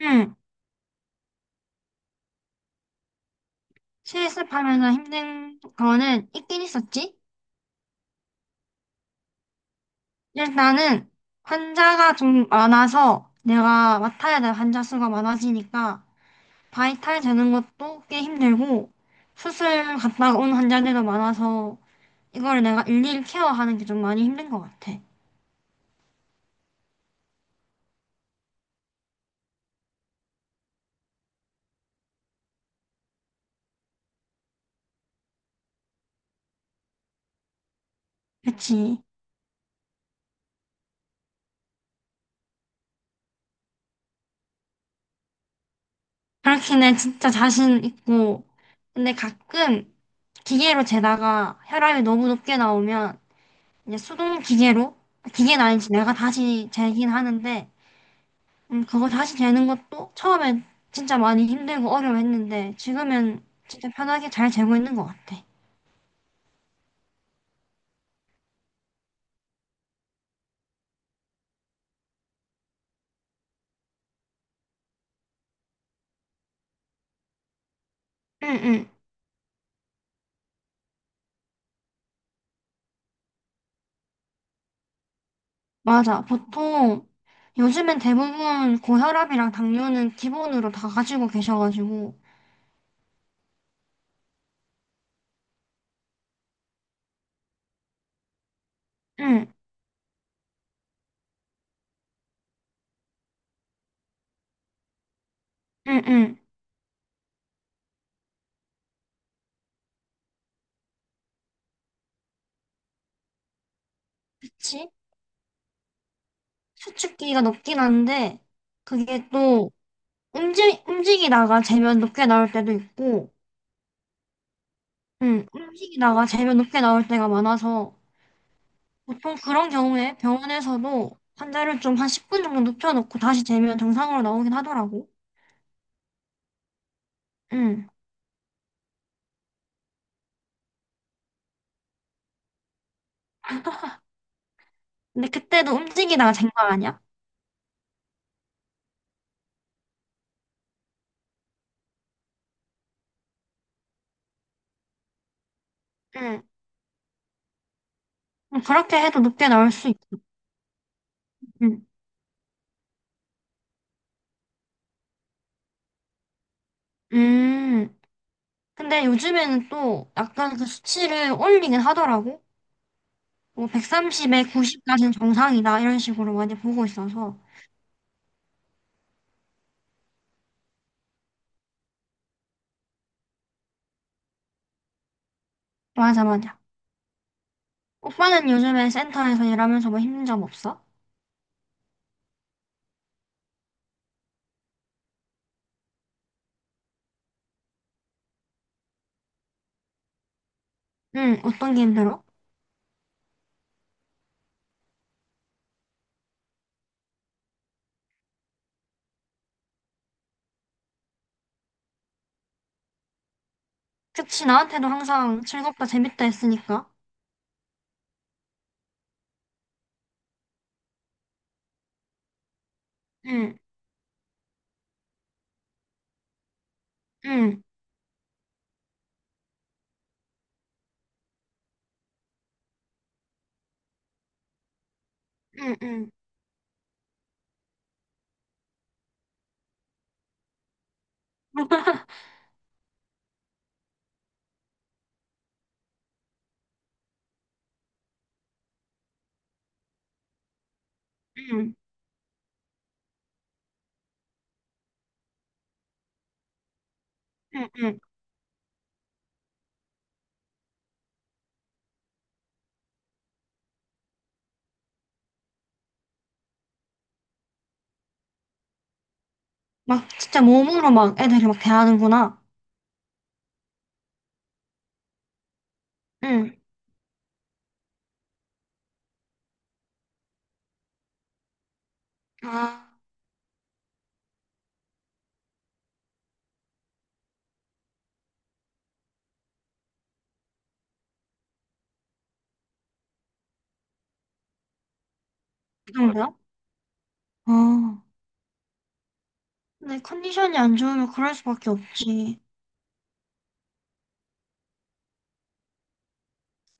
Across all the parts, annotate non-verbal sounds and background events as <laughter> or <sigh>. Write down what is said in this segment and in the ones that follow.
응, 실습하면서 힘든 거는 있긴 있었지. 일단은 환자가 좀 많아서 내가 맡아야 될 환자 수가 많아지니까 바이탈 되는 것도 꽤 힘들고 수술 갔다가 온 환자들도 많아서 이걸 내가 일일이 케어하는 게 좀 많이 힘든 것 같아. 그치. 그렇긴 해. 진짜 자신 있고. 근데 가끔 기계로 재다가 혈압이 너무 높게 나오면 이제 수동 기계로 기계는 아니지 내가 다시 재긴 하는데 그거 다시 재는 것도 처음엔 진짜 많이 힘들고 어려워했는데 지금은 진짜 편하게 잘 재고 있는 것 같아. 응응. 맞아. 보통 요즘엔 대부분 고혈압이랑 당뇨는 기본으로 다 가지고 계셔가지고 응. 응응. 그치. 수축기가 높긴 한데 그게 또 움직이다가 재면 높게 나올 때도 있고 응, 움직이다가 재면 높게 나올 때가 많아서 보통 그런 경우에 병원에서도 환자를 좀 한 10분 정도 눕혀놓고 다시 재면 정상으로 나오긴 하더라고. 응. 근데 그때도 움직이다가 잰 거 아니야? 응. 그렇게 해도 높게 나올 수 있어. 응. 음. 근데 요즘에는 또 약간 그 수치를 올리긴 하더라고. 뭐 130에 90까지는 정상이다. 이런 식으로 많이 보고 있어서. 맞아, 맞아. 오빠는 요즘에 센터에서 일하면서 뭐 힘든 점 없어? 응. 어떤 게 힘들어? 그치, 나한테도 항상 즐겁다, 재밌다 했으니까. 응. 응, 응, 응. <laughs> 응, 응, 응. 막 진짜 몸으로 막 애들이 막 대하는구나. 응. 아, 그 정도야? 아. 근데 컨디션이 안 좋으면 그럴 수밖에 없지.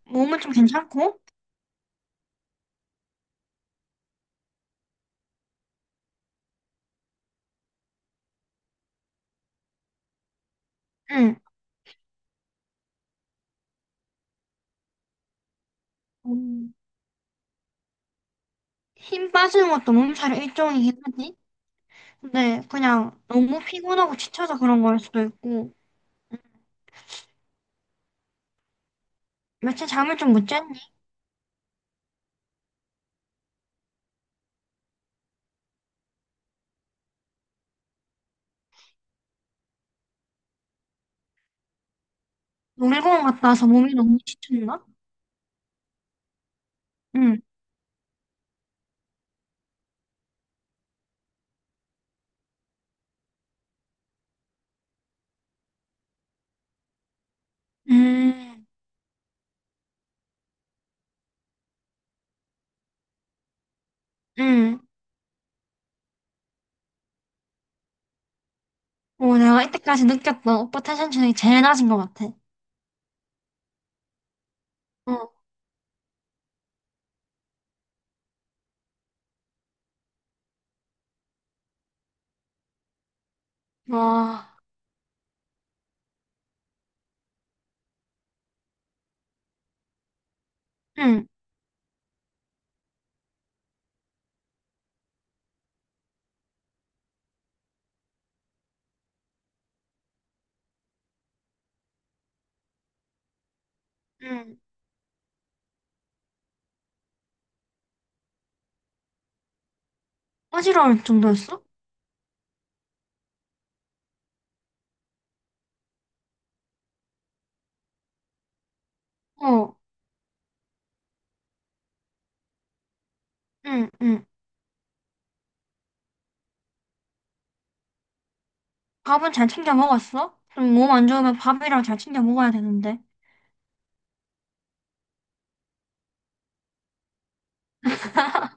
몸은 좀 괜찮고? 응. 음, 힘 빠지는 것도 몸살의 일종이긴 하지. 근데 그냥 너무 피곤하고 지쳐서 그런 걸 수도 있고. 며칠 잠을 좀 못 잤니? 놀이공원 갔다 와서 몸이 너무 지쳤나? 응. 음, 응. 어, 내가 이때까지 느꼈던 오빠 텐션 중에 제일 낮은 것 같아. 어, 와, 응, 응. 어지러울 정도였어? 어, 응, 응. 밥은 잘 챙겨 먹었어? 좀 몸 안 좋으면 밥이랑 잘 챙겨 먹어야 되는데. <laughs>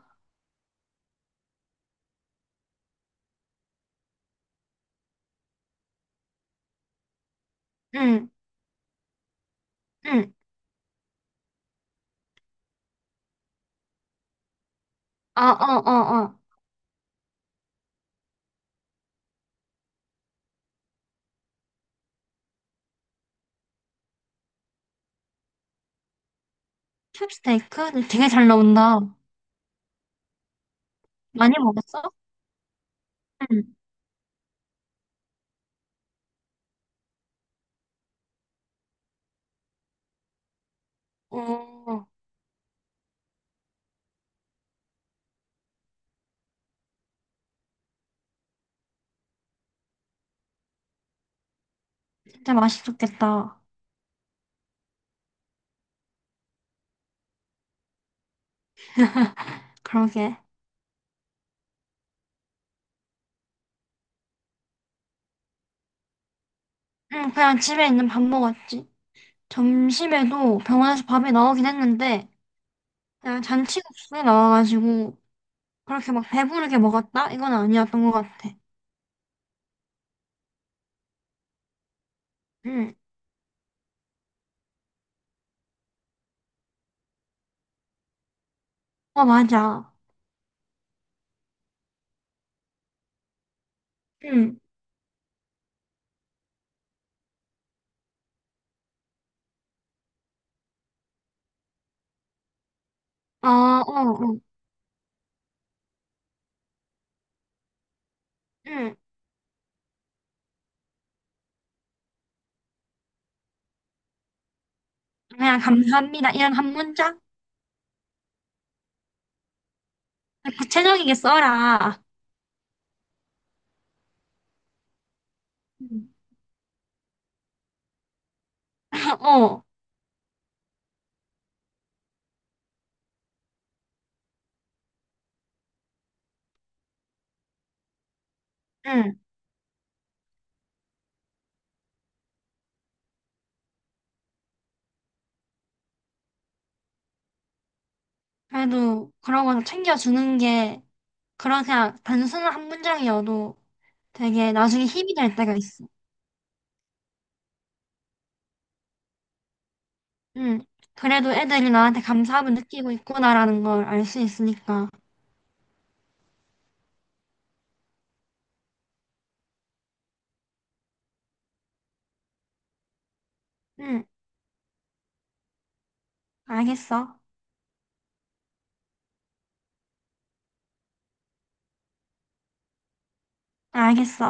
응, 응. 아, 어, 어, 어. 캡스테이크? 되게 잘 나온다. 많이 먹었어? 응. 어, 진짜 맛있었겠다. <laughs> 그러게. 응, 그냥 집에 있는 밥 먹었지. 점심에도 병원에서 밥이 나오긴 했는데, 그냥 잔치국수에 나와가지고 그렇게 막 배부르게 먹었다? 이건 아니었던 것 같아. 응. 어, 맞아. 응. 어, 어, 어. 응. 그냥 감사합니다. 이런 한 문장? 구체적이게 써라. 응. <laughs> 어. 응. 그래도 그런 거 챙겨주는 게 그런 그냥 단순한 한 문장이어도 되게 나중에 힘이 될 때가 있어. 응. 그래도 애들이 나한테 감사함을 느끼고 있구나라는 걸 알 수 있으니까. 응. 알겠어. 알겠어.